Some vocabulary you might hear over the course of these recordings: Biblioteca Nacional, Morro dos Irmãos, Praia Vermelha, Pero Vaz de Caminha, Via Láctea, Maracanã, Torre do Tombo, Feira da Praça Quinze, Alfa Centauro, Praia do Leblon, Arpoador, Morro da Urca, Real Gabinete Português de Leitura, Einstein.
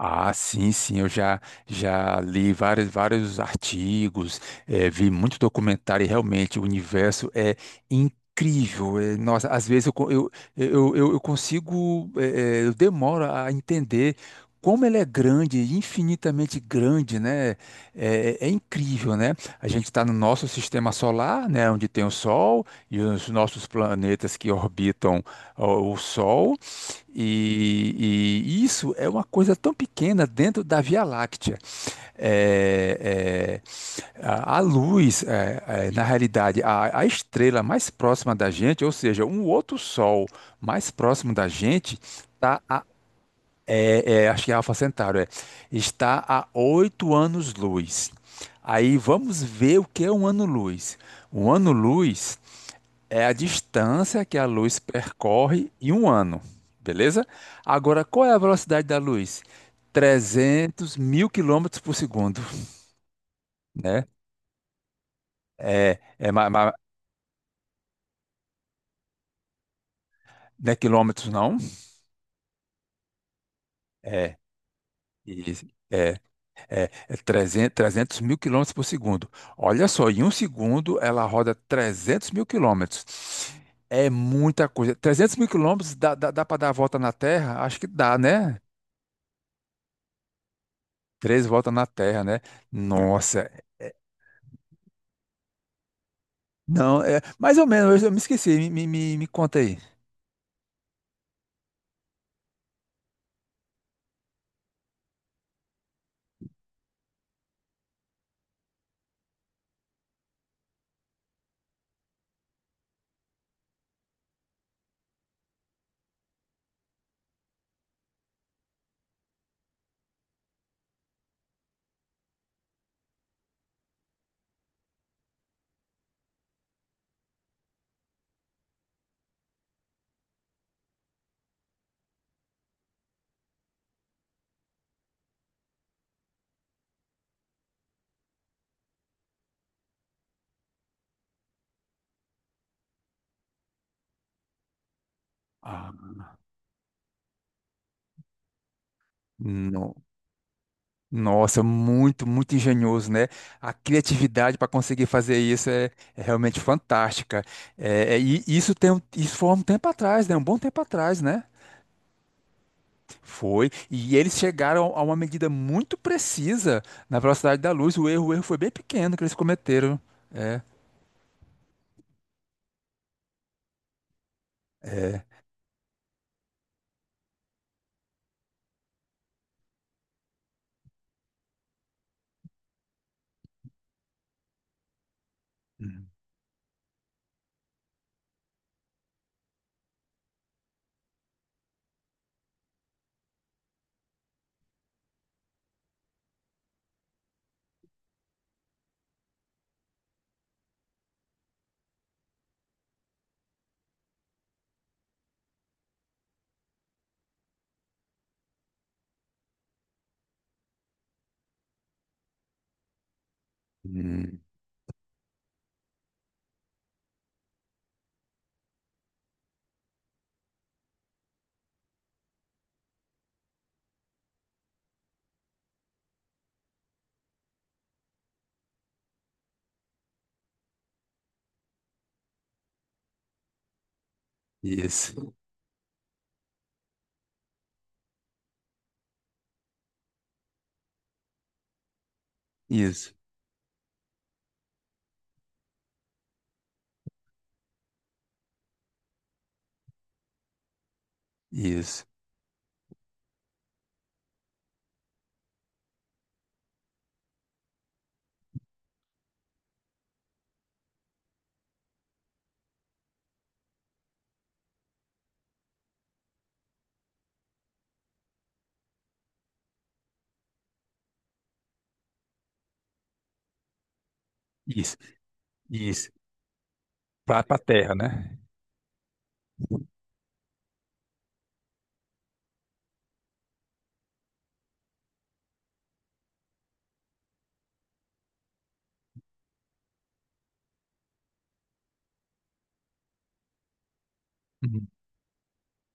Ah, sim, sim, eu já li vários artigos, vi muito documentário e realmente o universo é incrível. Nossa, às vezes eu, co- eu consigo, eu demoro a entender como ele é grande, infinitamente grande, né? É incrível, né? A gente está no nosso sistema solar, né, onde tem o Sol e os nossos planetas que orbitam ó, o Sol. E isso é uma coisa tão pequena dentro da Via Láctea. É, é, a luz, na realidade, a estrela mais próxima da gente, ou seja, um outro sol mais próximo da gente, está a, é, é, Acho que é Alfa Centauro. Está a 8 anos-luz. Aí vamos ver o que é um ano-luz. Um ano-luz é a distância que a luz percorre em um ano, beleza? Agora, qual é a velocidade da luz? 300 mil quilômetros por segundo, né? É, é, ma- ma- não é quilômetros, não? É, isso, é, é, é 300 300 mil quilômetros por segundo. Olha só, em um segundo ela roda 300 mil quilômetros. É muita coisa. 300 mil quilômetros dá para dar a volta na Terra? Acho que dá, né? Três voltas na Terra, né? Nossa. Não, é mais ou menos, eu me esqueci, me conta aí. Ah, não. Nossa, muito, muito engenhoso, né? A criatividade para conseguir fazer isso é realmente fantástica. E isso foi há um tempo atrás, né? Um bom tempo atrás, né? Foi. E eles chegaram a uma medida muito precisa na velocidade da luz. O erro foi bem pequeno que eles cometeram. É. É. Hum, hum. Isso, isso, isso, isso, isso. Para a Terra, né?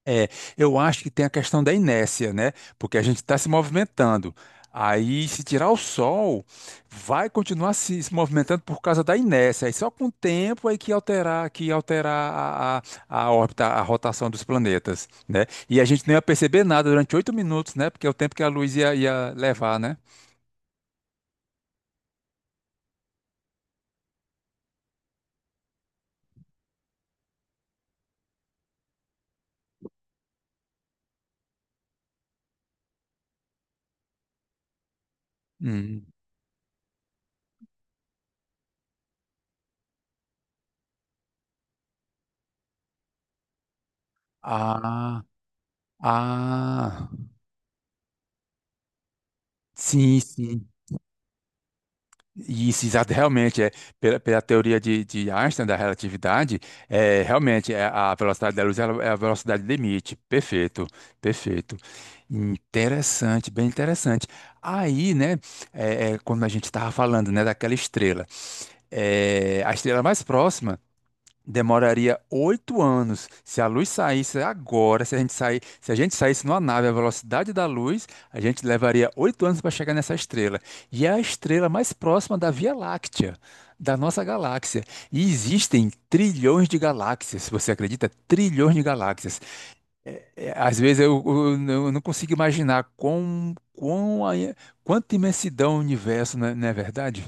É, eu acho que tem a questão da inércia, né? Porque a gente está se movimentando. Aí, se tirar o Sol, vai continuar se movimentando por causa da inércia. Aí só com o tempo é que alterar, a, a órbita, a rotação dos planetas, né? E a gente não ia perceber nada durante 8 minutos, né? Porque é o tempo que a luz ia levar, né? Hum. Ah, ah, sim, sim. E isso, exato, realmente, pela teoria de Einstein, da relatividade, realmente a velocidade da luz ela é a velocidade limite. Perfeito, perfeito. Interessante, bem interessante. Aí, né, quando a gente estava falando, né, daquela estrela, a estrela mais próxima. Demoraria 8 anos. Se a luz saísse agora, se a gente saísse numa nave à velocidade da luz, a gente levaria 8 anos para chegar nessa estrela. E é a estrela mais próxima da Via Láctea, da nossa galáxia. E existem trilhões de galáxias. Você acredita? Trilhões de galáxias. Às vezes eu não consigo imaginar quanta imensidão o universo, não é verdade?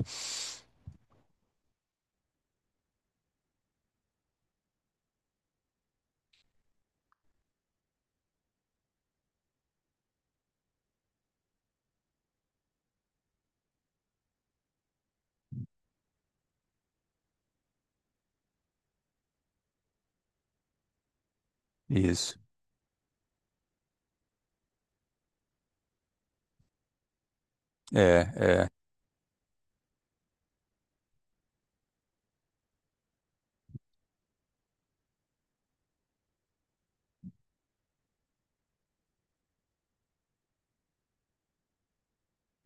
Isso. É,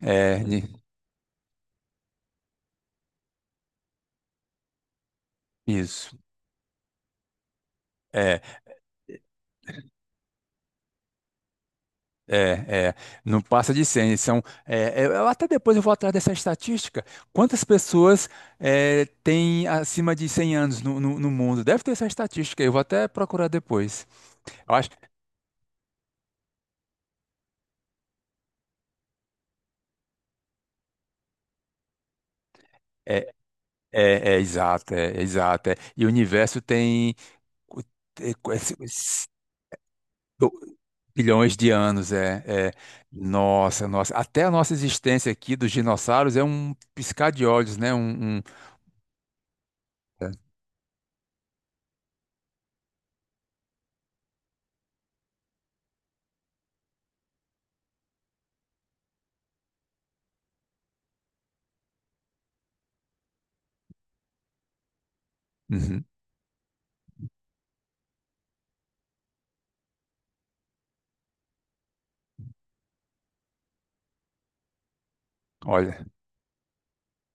é, é, ni- isso. É. É, é, não passa de 100. Eu até depois eu vou atrás dessa estatística. Quantas pessoas têm acima de 100 anos no mundo? Deve ter essa estatística. Eu vou até procurar depois. Eu acho, é, é, . É exato. Exato. É. E o universo tem cu- é, cu- é, se- se- do- bilhões de anos. É. Nossa, nossa. Até a nossa existência aqui dos dinossauros é um piscar de olhos, né? É. Uhum. Olha.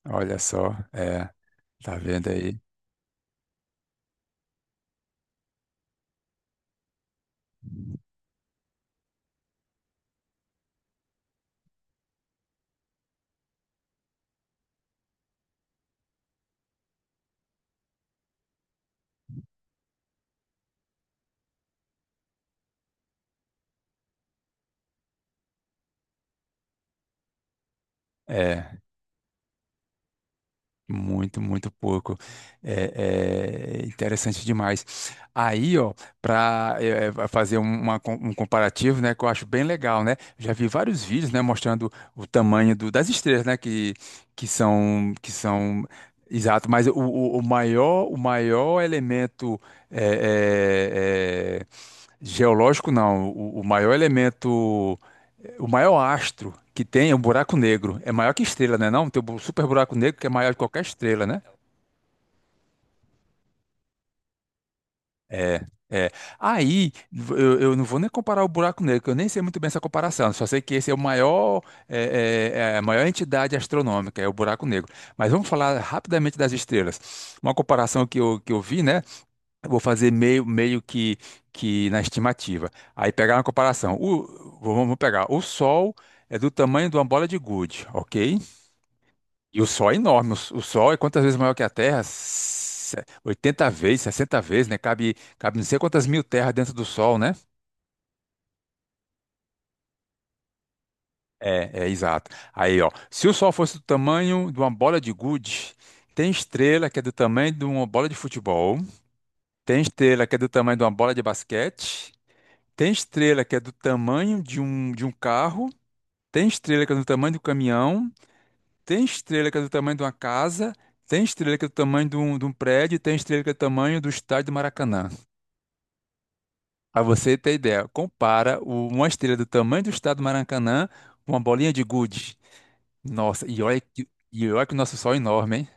Olha só, tá vendo aí? É, muito, muito pouco. É interessante demais. Aí, ó, para fazer um comparativo, né, que eu acho bem legal, né? Já vi vários vídeos, né, mostrando o tamanho das estrelas, né, que são exato, mas o, o maior elemento é, é, é, geológico, não, o maior elemento. O maior astro que tem é um buraco negro. É maior que estrela, né? Não, tem o super buraco negro que é maior que qualquer estrela, né? É, é. Aí, eu não vou nem comparar o buraco negro, que eu nem sei muito bem essa comparação. Só sei que esse é o maior, é a maior entidade astronômica, é o buraco negro. Mas vamos falar rapidamente das estrelas. Uma comparação que eu vi, né? Eu vou fazer meio, meio que, na estimativa. Aí pegar uma comparação. Vamos pegar. O Sol é do tamanho de uma bola de gude, ok? E o Sol é enorme. O Sol é quantas vezes maior que a Terra? 80 vezes, 60 vezes, né? Cabe não sei quantas mil terras dentro do Sol, né? É exato. Aí, ó. Se o Sol fosse do tamanho de uma bola de gude, tem estrela que é do tamanho de uma bola de futebol, tem estrela que é do tamanho de uma bola de basquete, tem estrela que é do tamanho de um carro, tem estrela que é do tamanho do caminhão, tem estrela que é do tamanho de uma casa, tem estrela que é do tamanho de um prédio, tem estrela que é do tamanho do estádio do Maracanã. Pra você ter ideia, compara uma estrela do tamanho do estádio do Maracanã com uma bolinha de gude. Nossa, e olha que, o nosso Sol é enorme, hein?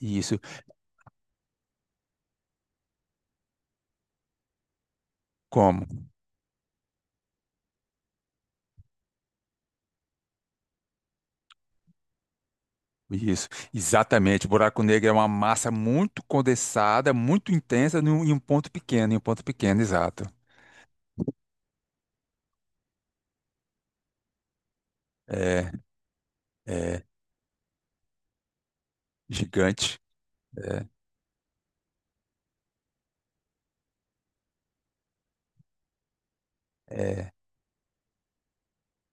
Isso, como? Isso, exatamente. O buraco negro é uma massa muito condensada, muito intensa em um ponto pequeno, em um ponto pequeno, exato. É, é, gigante. É. É.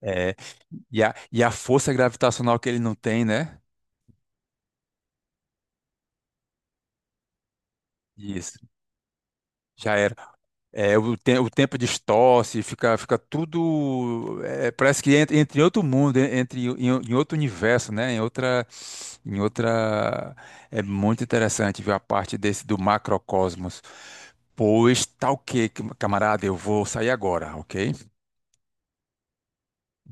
É, e a força gravitacional que ele não tem, né? Isso. Já era. O tempo distorce, fica tudo. Parece que entra em outro mundo, en- entre em, em em outro universo, né? Em outra, em outra. É muito interessante ver a parte desse do macrocosmos. Pois tá ok, camarada, eu vou sair agora, ok?